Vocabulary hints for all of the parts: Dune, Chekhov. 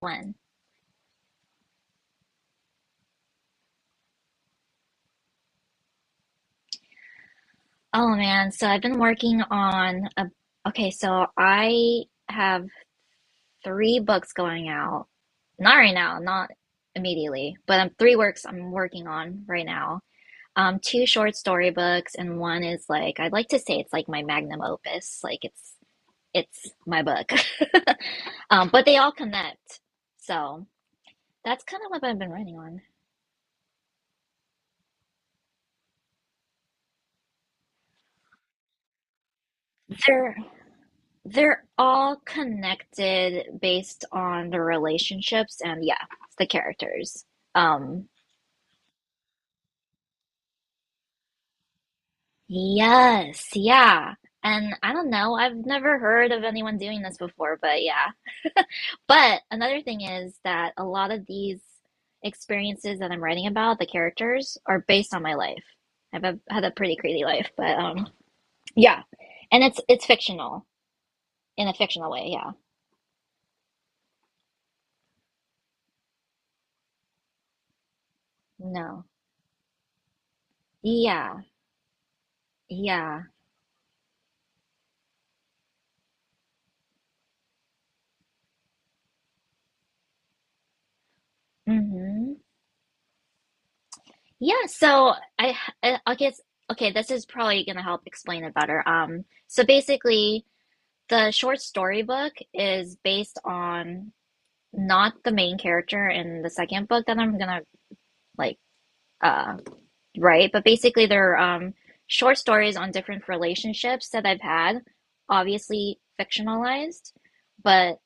When? Oh man, so I've been working on a Okay, so I have three books going out. Not right now, not immediately, but three works I'm working on right now. Two short story books and one is like I'd like to say it's like my magnum opus, like it's my book. But they all connect. So that's kind of what I've been writing on. They're They're all connected based on the relationships and, yeah, the characters. Um, yes, yeah. And I don't know, I've never heard of anyone doing this before, but yeah. But another thing is that a lot of these experiences that I'm writing about, the characters, are based on my life. I've had a pretty crazy life, but yeah. And it's fictional in a fictional way, yeah. No. Yeah. Yeah. Mm-hmm. Yeah, so I guess okay, this is probably gonna help explain it better. So basically, the short story book is based on not the main character in the second book that I'm gonna like uh write, but basically they're short stories on different relationships that I've had, obviously fictionalized, but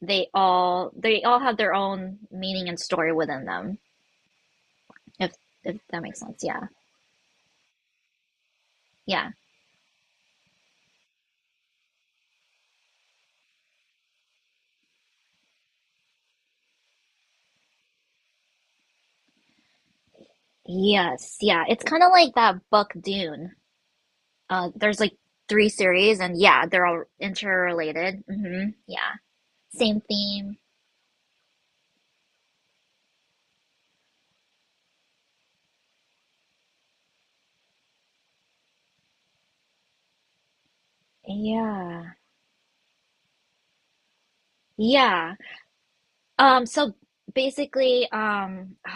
they all have their own meaning and story within them, if if that makes sense. Yeah. Yeah. Yes, yeah. It's kind of like that book Dune. There's like three series, and yeah, they're all interrelated. Hmm. Yeah, same theme. Yeah, yeah. So basically,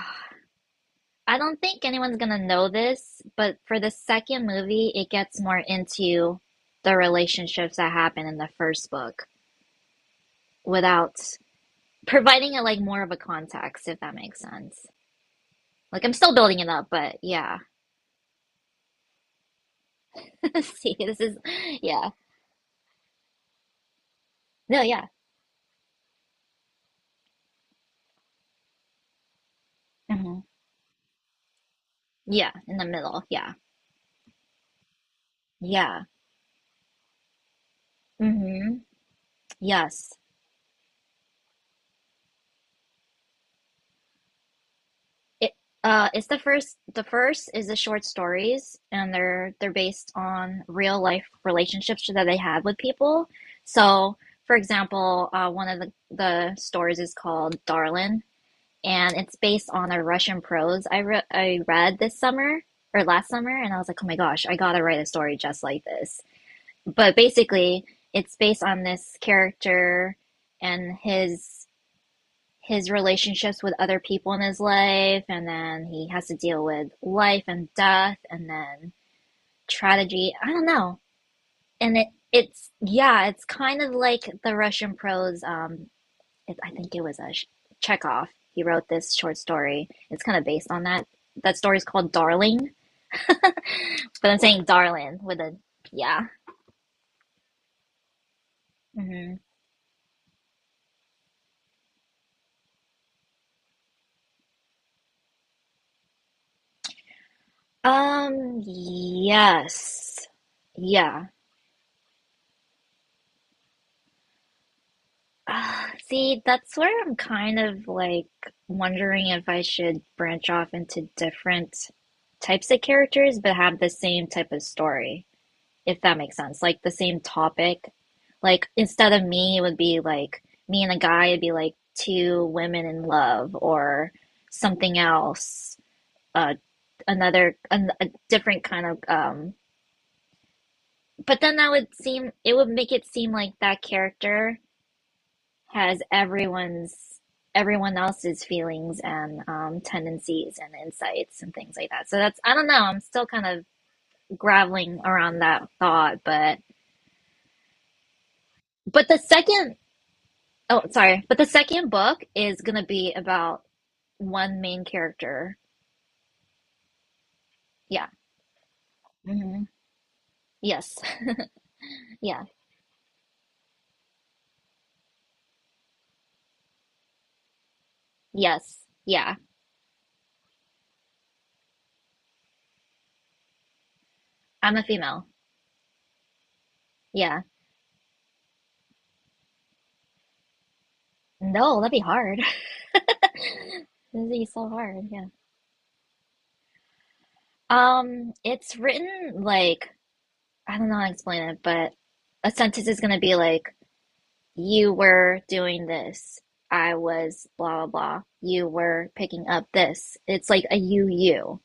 I don't think anyone's gonna know this, but for the second movie, it gets more into the relationships that happen in the first book without providing it like more of a context, if that makes sense. Like I'm still building it up, but yeah. See, this is, yeah. No, yeah. Hmm. Yeah, in the middle. Yeah. Yeah. Hmm. Yes. It it's the first is the short stories and they're based on real life relationships that they had with people. So, for example, one of the stories is called Darlin and it's based on a Russian prose I re I read this summer or last summer and I was like, "Oh my gosh, I gotta write a story just like this." But basically it's based on this character and his relationships with other people in his life and then he has to deal with life and death and then tragedy, I don't know. And it's yeah, it's kind of like the Russian prose. I think it was a Chekhov. He wrote this short story. It's kind of based on that. That story is called Darling. But I'm saying Darling with a, yeah. Mm-hmm. Yes. Yeah. See, that's where I'm kind of like wondering if I should branch off into different types of characters but have the same type of story, if that makes sense. Like the same topic. Like instead of me, it would be like me and a guy, it'd be like two women in love or something else. Uh, a different kind of, um. But then that would seem it would make it seem like that character has everyone else's feelings and, tendencies and insights and things like that. So that's, I don't know, I'm still kind of graveling around that thought, but the second oh sorry, but the second book is gonna be about one main character. Yeah. Hmm. Yes. Yeah. Yes. Yeah. I'm a female. Yeah. No, that'd be hard. That'd be so hard. Yeah. It's written like, I don't know how to explain it, but a sentence is gonna be like, you were doing this, I was blah blah blah, you were picking up this. It's like a you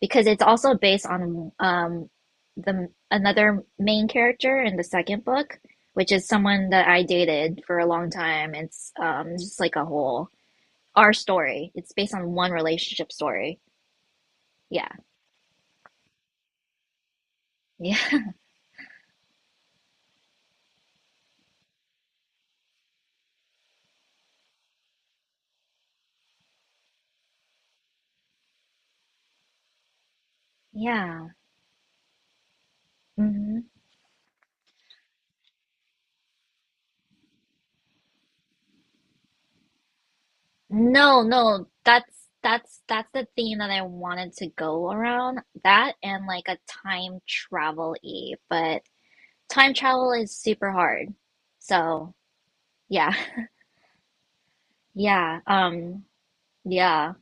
because it's also based on the another main character in the second book, which is someone that I dated for a long time. It's just like a whole our story. It's based on one relationship story. Yeah. Yeah. Yeah. Hmm. No, no, that's that's the theme that I wanted to go around. That and like a time travel y, but time travel is super hard. So, yeah. Yeah. Yeah.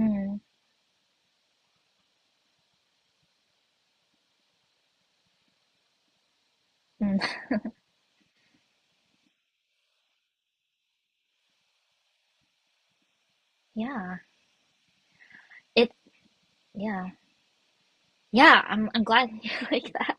Mm, mm, yeah. It yeah. Yeah, I'm glad you like that.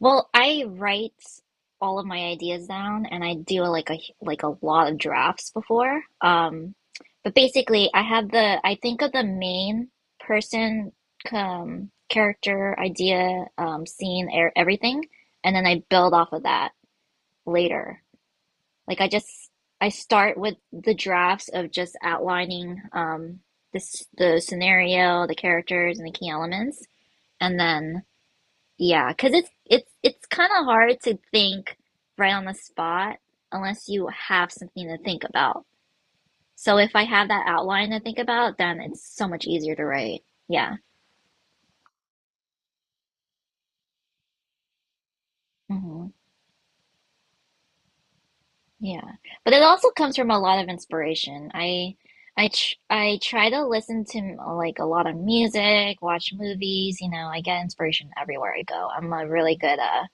Well, I write all of my ideas down and I do like a lot of drafts before. But basically I have the I think of the main person, character, idea, scene, everything, and then I build off of that later. Like I just I start with the drafts of just outlining, this the scenario, the characters and the key elements, and then yeah, because it's kind of hard to think right on the spot unless you have something to think about. So if I have that outline to think about, then it's so much easier to write. Yeah. Hmm. Yeah. But it also comes from a lot of inspiration. I try to listen to like a lot of music, watch movies, you know, I get inspiration everywhere I go. I'm a really good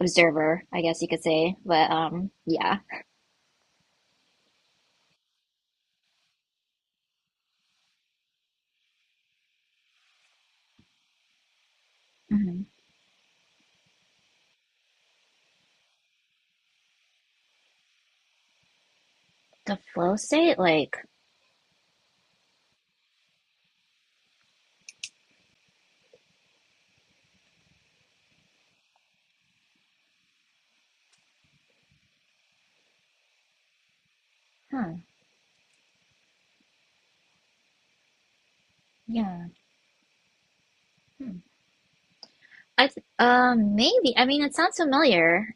observer, I guess you could say. But um, yeah. Hmm. The flow state, like, huh, yeah. Hmm. I th Maybe. I mean, it sounds familiar.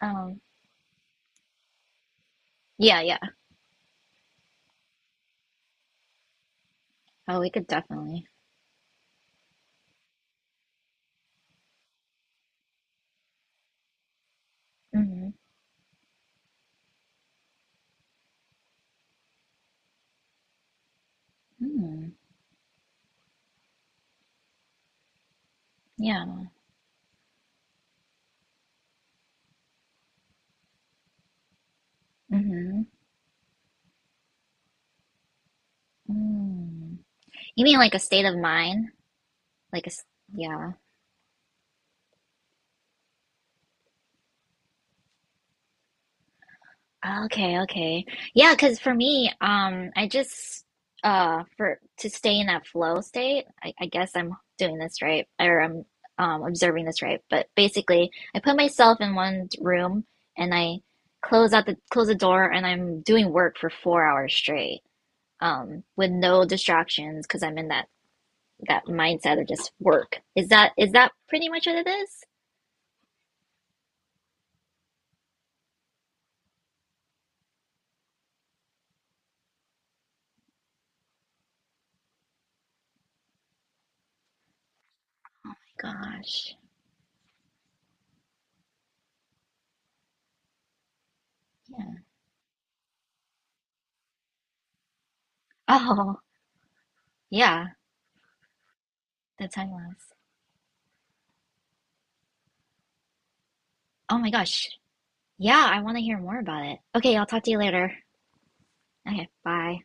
Um, yeah, yeah. Oh, we could definitely. Mm-hmm. Mm, yeah. Mm-hmm. Mm. You mean like a state of mind? Like a s- yeah. Oh, okay, okay. Yeah, because for me, I just for to stay in that flow state, I guess I'm doing this right, or I'm observing this right. But basically, I put myself in one room and I close the door and I'm doing work for 4 hours straight, with no distractions because I'm in that mindset of just work. Is that pretty much what it is? Oh my gosh. Yeah. Oh, yeah, that's how it was. Oh my gosh. Yeah, I want to hear more about it. Okay, I'll talk to you later. Okay, bye.